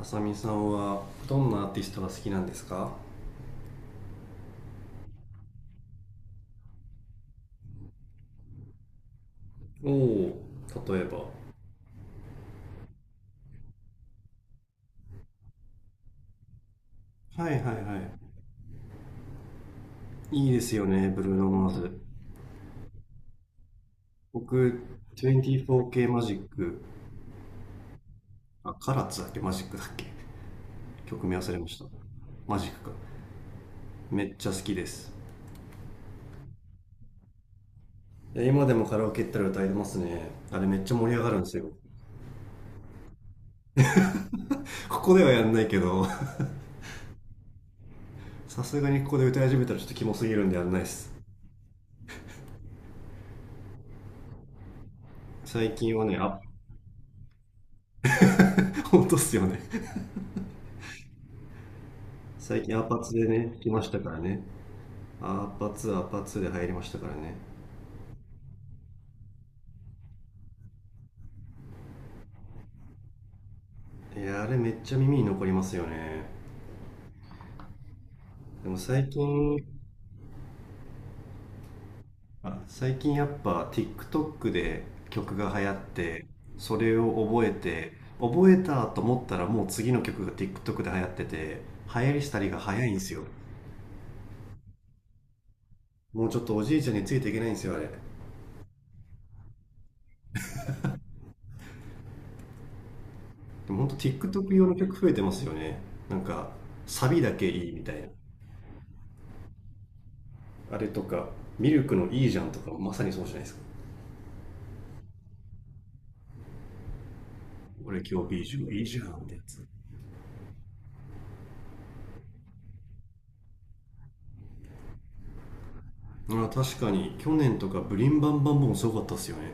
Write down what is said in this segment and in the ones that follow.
あさみさんはどんなアーティストが好きなんですか？おお、例えば？はいはいはいいですよね、ブルーノ・マーズ。僕、 24K マジック。あ、カラッツだっけマジックだっけ。曲名忘れました。マジックか。めっちゃ好きです。いや、今でもカラオケ行ったら歌えてますね。あれめっちゃ盛り上がるんですよ。ここではやんないけど。 さすがにここで歌い始めたらちょっとキモすぎるんでやんないです。最近はね、あ。 本当っすよね。最近アパツでね来ましたからね。アーパ2アーパ2で入りましたからね。いや、あれめっちゃ耳に残りますよね。でも最近あ、最近やっぱ TikTok で曲が流行って、それを覚えて、覚えたと思ったらもう次の曲が TikTok で流行ってて、流行りしたりが早いんですよ。もうちょっとおじいちゃんについていけないんですよ、あれで。もほんと TikTok 用の曲増えてますよね。なんかサビだけいいみたいな。あれとか、ミルクのいいじゃんとかまさにそうじゃないですか。俺今日ビージュいいじゃんってやつ。あ、確かに去年とかブリンバンバンボンすごかったっすよね。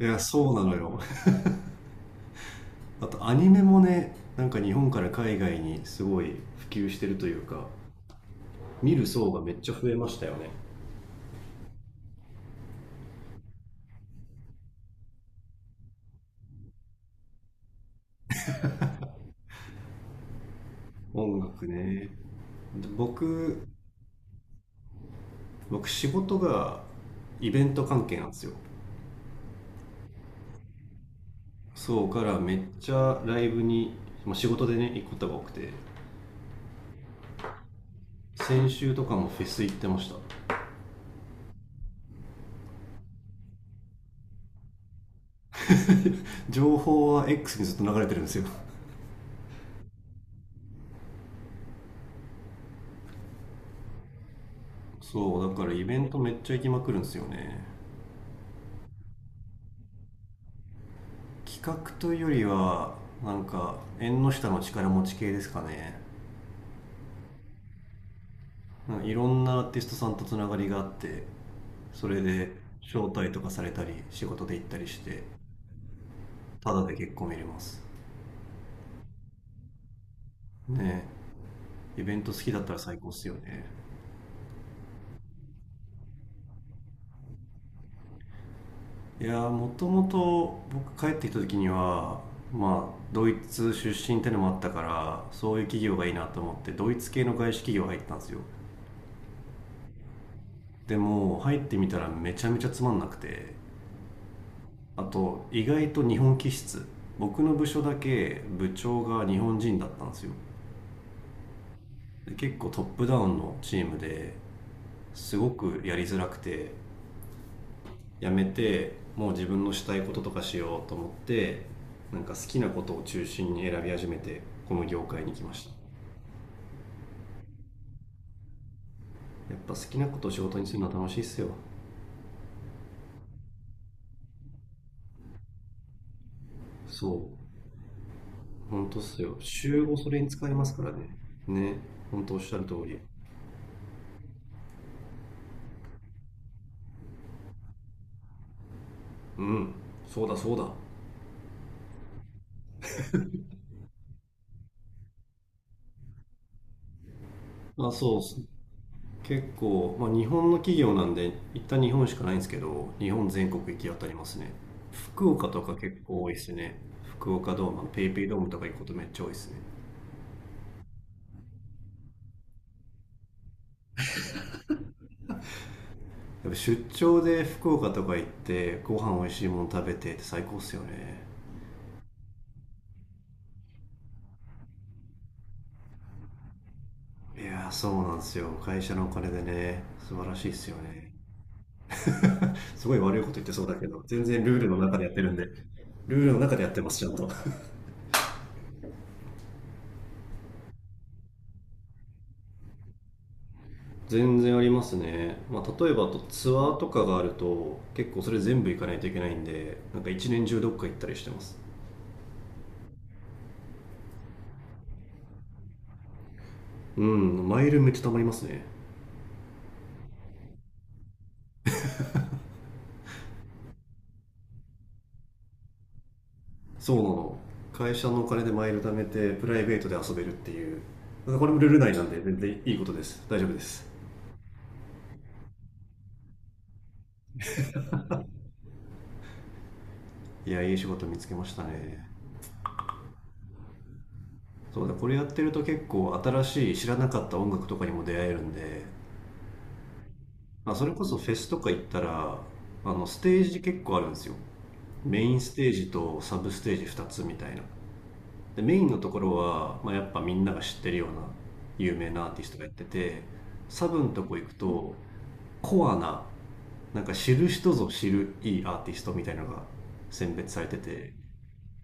いや、そうなのよ。 あと、アニメもね、なんか日本から海外にすごい普及してるというか、見る層がめっちゃ増えましたよね。音楽ね。で僕僕、仕事がイベント関係なんですよ。そうからめっちゃライブに、仕事でね行くことが多くて。先週とかもフェス行ってました。情報は X にずっと流れてるんですよ。そうだからイベントめっちゃ行きまくるんですよね。企画というよりは、なんか縁の下の力持ち系ですかね。なんかいろんなアーティストさんとつながりがあって、それで招待とかされたり仕事で行ったりして、ただで結構見れます。ね、イベント好きだったら最高っすよね。いやー、もともと僕帰ってきた時には、ドイツ出身ってのもあったからそういう企業がいいなと思ってドイツ系の外資企業入ったんですよ。でも入ってみたらめちゃめちゃつまんなくて、あと意外と日本気質、僕の部署だけ部長が日本人だったんですよ。で、結構トップダウンのチームで、すごくやりづらくて、辞めてもう自分のしたいこととかしようと思って、なんか好きなことを中心に選び始めてこの業界に来ました。やっぱ好きなことを仕事にするのは楽しいっすよ。そう、本当っすよ、週5それに使えますからね。ね、本当おっしゃる通り。うん、そうだそうだ。あ、そう。結構、日本の企業なんで一旦日本しかないんですけど日本全国行き当たりますね。福岡とか結構多いですね。福岡ドーム、ペイペイドームとか行くことめっちゃ多いですね。やっぱ出張で福岡とか行ってご飯美味しいもの食べてって最高っすよね。いやー、そうなんですよ、会社のお金でね。素晴らしいっすよね。すごい悪いこと言ってそうだけど全然ルールの中でやってるんで。ルールの中でやってますちゃんと。全然ありますね、例えばあとツアーとかがあると結構それ全部行かないといけないんで、なんか一年中どっか行ったりしてます。うん、マイルめっちゃ貯まりますね。そうなの。会社のお金でマイル貯めてプライベートで遊べるっていう。これもルール内なんで全然いいことです、大丈夫です。いや、いい仕事見つけましたね。そうだ、これやってると結構新しい知らなかった音楽とかにも出会えるんで。まあ、それこそフェスとか行ったら、ステージ結構あるんですよ。メインステージとサブステージ2つみたいな。で、メインのところは、やっぱみんなが知ってるような有名なアーティストがやってて、サブのとこ行くと、コアな、なんか知る人ぞ知るいいアーティストみたいなのが選別されてて、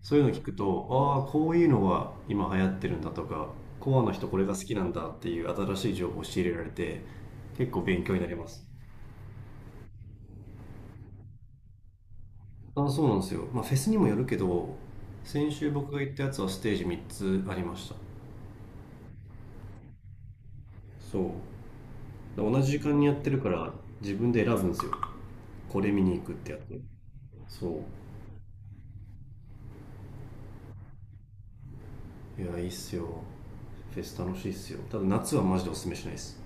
そういうの聞くと、ああ、こういうのが今流行ってるんだとか、コアの人これが好きなんだっていう新しい情報を仕入れられて、結構勉強になります。あ、そうなんですよ。まあ、フェスにもよるけど、先週僕が行ったやつはステージ3つありました。そう。同じ時間にやってるから、自分で選ぶんですよ。これ見に行くってやつ。そう。いや、いいっすよ。フェス楽しいっすよ。ただ夏はマジでおすすめしないです。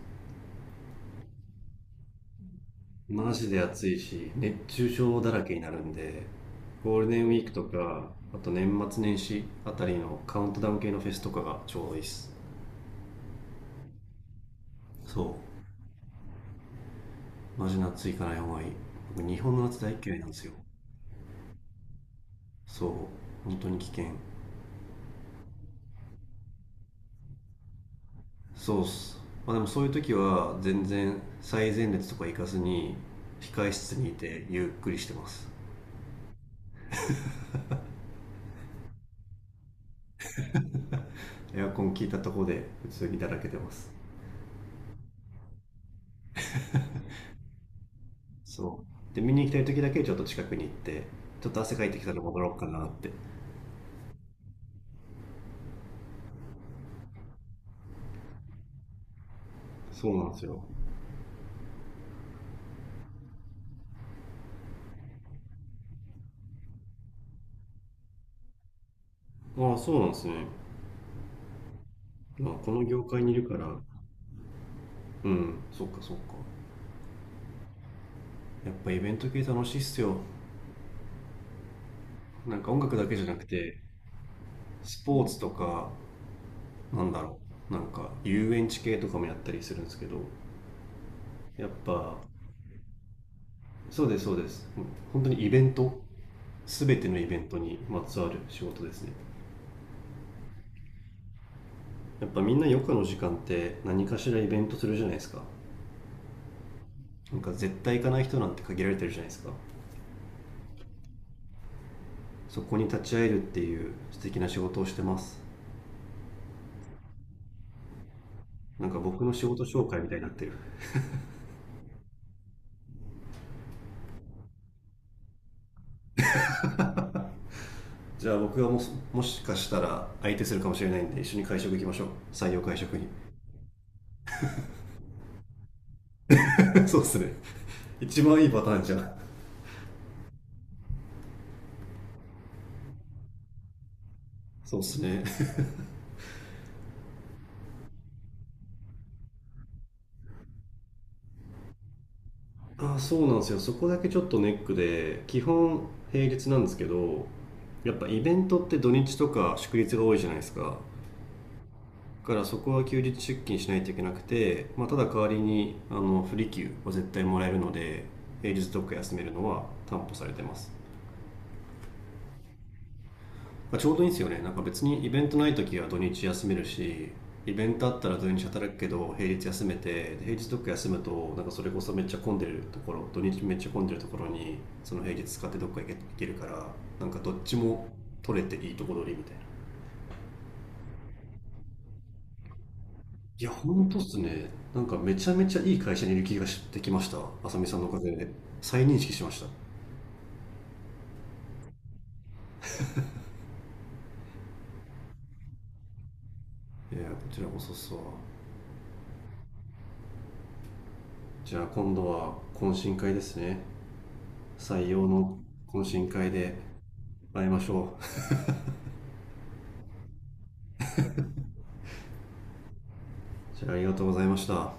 マジで暑いし、熱中症だらけになるんで、ゴールデンウィークとか、あと年末年始あたりのカウントダウン系のフェスとかがちょうどいいっす。そう。マジ夏行かない方がいい。僕、日本の夏大嫌いなんですよ。そう、本当に危険。そうっす。まあ、でもそういう時は全然最前列とか行かずに控え室にいてゆっくりしてます。エアコン効いたとこで普通にだらけてます。そうで、見に行きたい時だけちょっと近くに行って、ちょっと汗かいてきたら戻ろうかなって。そうなんですよ。ああ、そうなんですね、この業界にいるから。うん、そっかそっか。やっぱイベント系楽しいっすよ。なんか音楽だけじゃなくて、スポーツとか、なんだろ、なんか遊園地系とかもやったりするんですけど、やっぱ。そうです、そうです。本当にイベント、全てのイベントにまつわる仕事ですね。やっぱみんな余暇の時間って何かしらイベントするじゃないですか。なんか絶対行かない人なんて限られてるじゃないですか。そこに立ち会えるっていう素敵な仕事をしてます。なんか僕の仕事紹介みたいになってる。じゃあ僕がもしもしかしたら相手するかもしれないんで一緒に会食行きましょう。採用会食に。 そうっすね、一番いいパターンじゃん。そうですね。 あ、そうなんですよ、そこだけちょっとネックで基本平日なんですけど、やっぱイベントって土日とか祝日が多いじゃないですか。だからそこは休日出勤しないといけなくて、ただ代わりに不利休は絶対もらえるので、平日どっか休めるのは担保されてます。まあ、ちょうどいいんですよね、なんか別にイベントない時は土日休めるし、イベントあったら土日働くけど平日休めて、で平日どっか休むと、なんかそれこそめっちゃ混んでるところ、土日めっちゃ混んでるところにその平日使ってどっか行けるから、なんかどっちも取れていいとこ取りみたいな。いや、ほんとっすね。なんかめちゃめちゃいい会社にいる気がしてきました、あさみさんのおかげで。再認識しました。いや、こちらこそっすわ。じゃあ今度は懇親会ですね、採用の懇親会で会いましょう。じゃあ、ありがとうございました。